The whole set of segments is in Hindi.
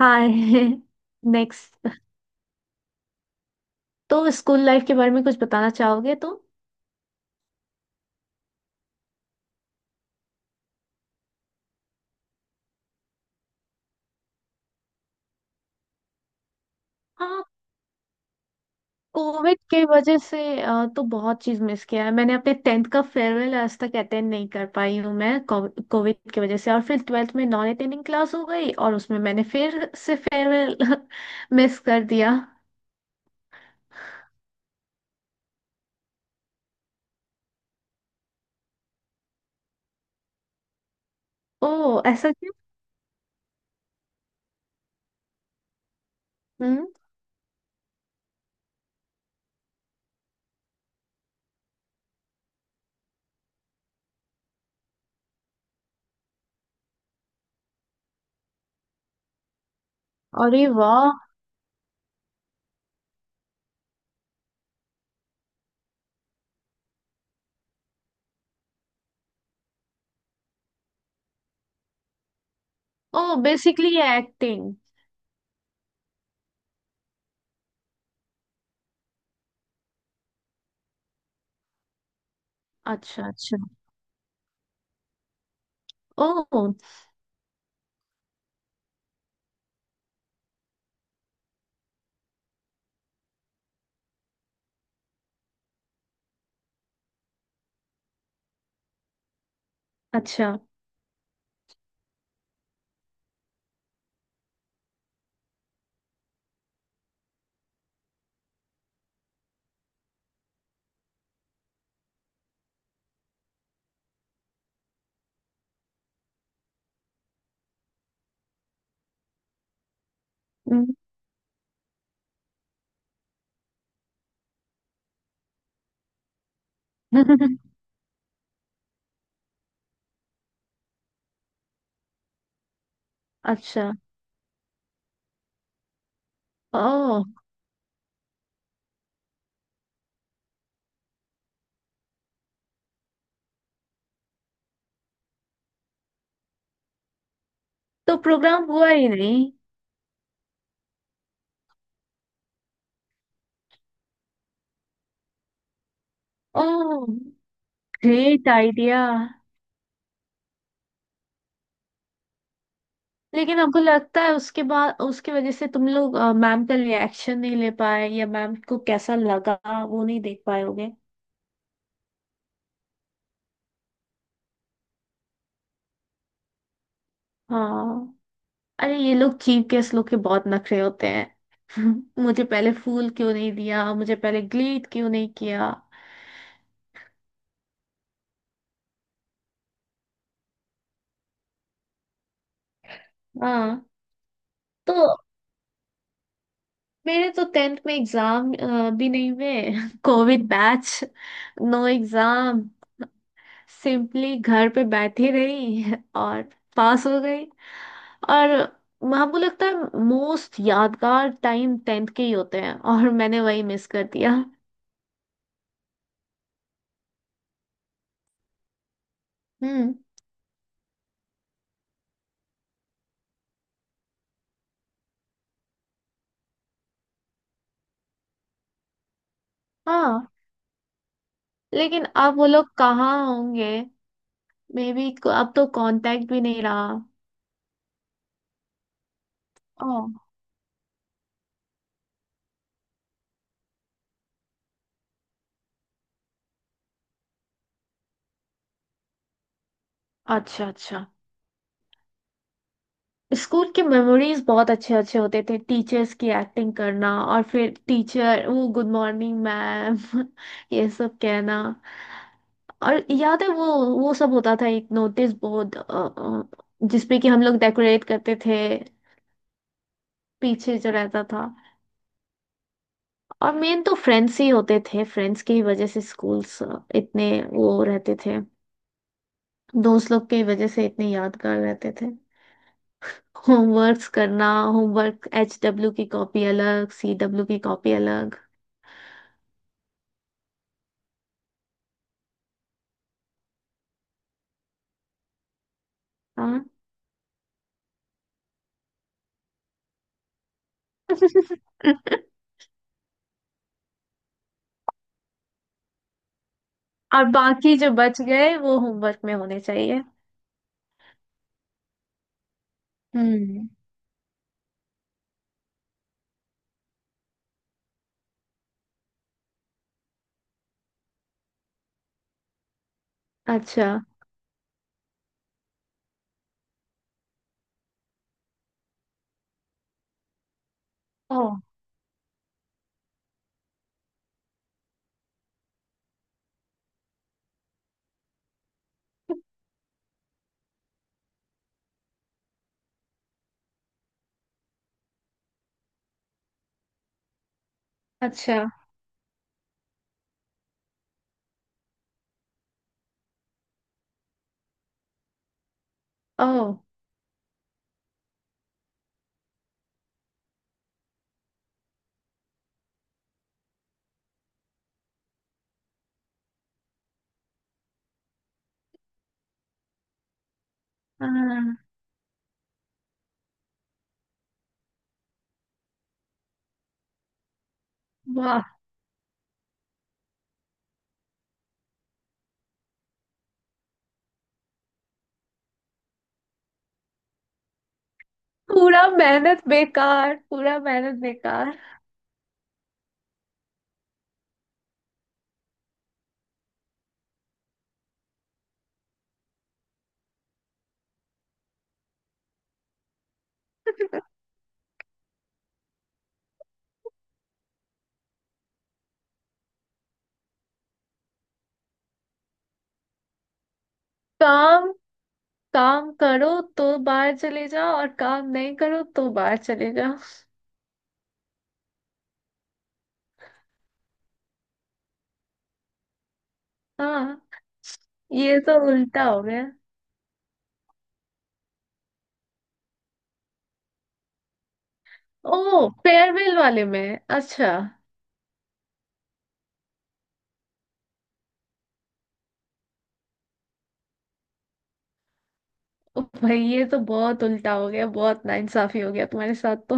हाय। नेक्स्ट। तो स्कूल लाइफ के बारे में कुछ बताना चाहोगे तो। हाँ। कोविड के वजह से तो बहुत चीज मिस किया है मैंने अपने टेंथ का फेयरवेल आज तक अटेंड नहीं कर पाई हूँ मैं कोविड की वजह से। और फिर ट्वेल्थ में नॉन अटेंडिंग क्लास हो गई और उसमें मैंने फिर से फेयरवेल मिस कर दिया। ओ ऐसा क्यों? हम्म। अरे वाह। ओ बेसिकली एक्टिंग। अच्छा अच्छा। ओ अच्छा। हम्म, अच्छा। ओ। तो प्रोग्राम हुआ ही नहीं? ओह। Great idea. लेकिन हमको लगता है उसके बाद उसकी वजह से तुम लोग मैम का रिएक्शन नहीं ले पाए या मैम को कैसा लगा, वो नहीं देख पाए होगे। हाँ। अरे ये लोग चीफ गेस्ट लोग के बहुत नखरे होते हैं। मुझे पहले फूल क्यों नहीं दिया, मुझे पहले ग्लीट क्यों नहीं किया? हाँ। तो मेरे तो टेंथ में एग्जाम भी नहीं हुए। Covid batch. No exam. Simply घर पे बैठी रही और पास हो गई। और हमको लगता है मोस्ट यादगार टाइम टेंथ के ही होते हैं और मैंने वही मिस कर दिया। हम्म। हाँ। लेकिन अब वो लोग कहाँ होंगे? May be. अब तो कांटेक्ट भी नहीं रहा। ओह। अच्छा अच्छा। स्कूल के मेमोरीज बहुत अच्छे अच्छे होते थे। टीचर्स की एक्टिंग करना और फिर टीचर वो गुड मॉर्निंग मैम ये सब कहना। और याद है वो। वो सब होता था, एक नोटिस बोर्ड जिसपे कि हम लोग डेकोरेट करते थे, पीछे जो रहता था। और मेन तो फ्रेंड्स ही होते थे, फ्रेंड्स की ही वजह से स्कूल्स इतने वो रहते थे, दोस्त लोग की वजह से इतने यादगार रहते थे। होमवर्क्स करना, होमवर्क HW की कॉपी अलग, CW की कॉपी अलग। हाँ। और बाकी जो बच गए वो होमवर्क में होने चाहिए। हम्म। अच्छा। ओ। अच्छा। ओह। हाँ, वाह। पूरा मेहनत बेकार, पूरा मेहनत बेकार। काम। काम करो तो बाहर चले जाओ और काम नहीं करो तो बाहर चले जाओ। हाँ। ये तो उल्टा हो गया। ओह फेयरवेल वाले में, अच्छा। ओ भाई ये तो बहुत उल्टा हो गया, बहुत नाइंसाफी हो गया तुम्हारे साथ तो।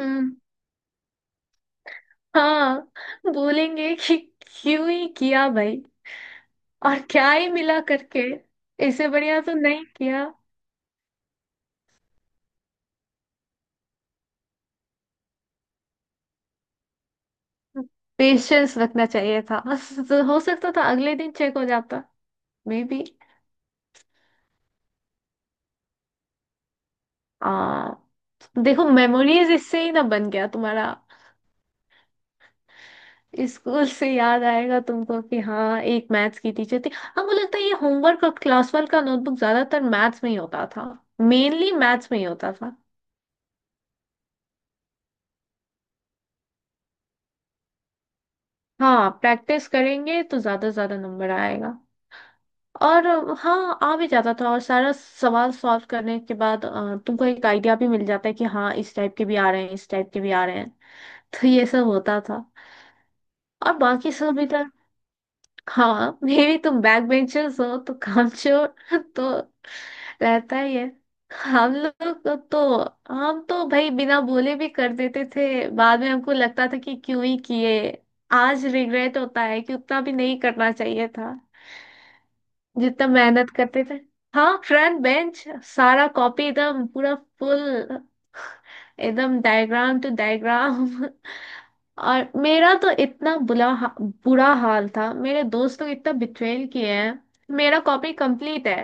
हम्म। हाँ। बोलेंगे कि क्यों ही किया भाई, और क्या ही मिला करके, इससे बढ़िया तो नहीं किया। पेशेंस रखना चाहिए था, तो हो सकता था अगले दिन चेक हो जाता। May be. आ देखो, मेमोरीज इससे ही ना बन गया तुम्हारा। स्कूल से याद आएगा तुमको कि हाँ एक मैथ्स की टीचर थी। हाँ मुझे लगता है ये होमवर्क और क्लास वर्क का नोटबुक ज्यादातर मैथ्स में ही होता था। मेनली मैथ्स में ही होता था। हाँ प्रैक्टिस करेंगे तो ज्यादा से ज्यादा नंबर आएगा। और हाँ आ भी जाता था, और सारा सवाल सॉल्व करने के बाद तुमको एक आइडिया भी मिल जाता है कि हाँ इस टाइप के भी आ रहे हैं, इस टाइप के भी आ रहे हैं। तो ये सब होता था। और बाकी सब भी। हाँ मे भी तुम बैक बेंचर्स हो तो कामचोर तो रहता ही है। हम लोग को तो, हम तो भाई बिना बोले भी कर देते थे, बाद में हमको लगता था कि क्यों ही किए। आज रिग्रेट होता है कि उतना भी नहीं करना चाहिए था जितना मेहनत करते थे। हाँ फ्रंट बेंच, सारा कॉपी एकदम पूरा फुल, एकदम डायग्राम टू डायग्राम। और मेरा तो इतना बुरा हाल था, मेरे दोस्त लोग इतना बिट्रेल किए हैं। मेरा कॉपी कंप्लीट है।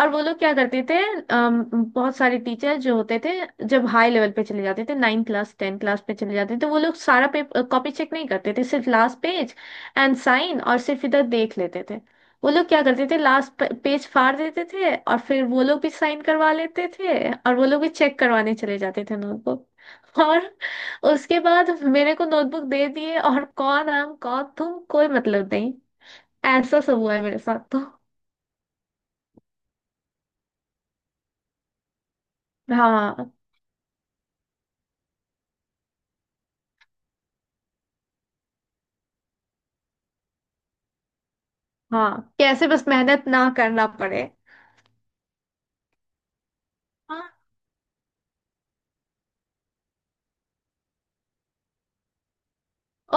और वो लोग क्या करते थे, बहुत सारे टीचर जो होते थे जब हाई लेवल पे चले जाते थे, 9 क्लास 10 क्लास पे चले जाते थे, तो वो लोग सारा पेपर कॉपी चेक नहीं करते थे, सिर्फ लास्ट पेज एंड साइन और सिर्फ इधर देख लेते थे। वो लोग क्या करते थे, लास्ट पेज फाड़ देते थे और फिर वो लोग भी साइन करवा लेते थे और वो लोग भी चेक करवाने चले जाते थे नोटबुक। और उसके बाद मेरे को नोटबुक दे दिए, और कौन हम कौन तुम, कोई मतलब नहीं। ऐसा सब हुआ है मेरे साथ तो। हाँ। हाँ कैसे बस मेहनत ना करना पड़े। हाँ।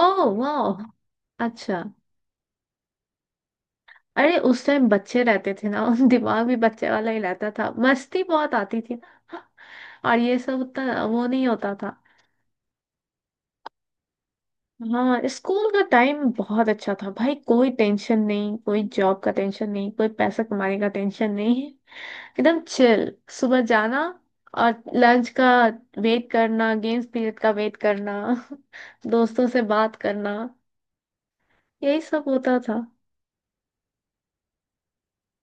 ओह वाह। अच्छा। अरे उस टाइम बच्चे रहते थे ना, दिमाग भी बच्चे वाला ही रहता था, मस्ती बहुत आती थी ना। और ये सब उतना वो नहीं होता था। हाँ स्कूल का टाइम बहुत अच्छा था भाई, कोई टेंशन नहीं, कोई जॉब का टेंशन नहीं, कोई पैसा कमाने का टेंशन नहीं। एकदम चिल। सुबह जाना और लंच का वेट करना, गेम्स पीरियड का वेट करना, दोस्तों से बात करना। यही सब होता था।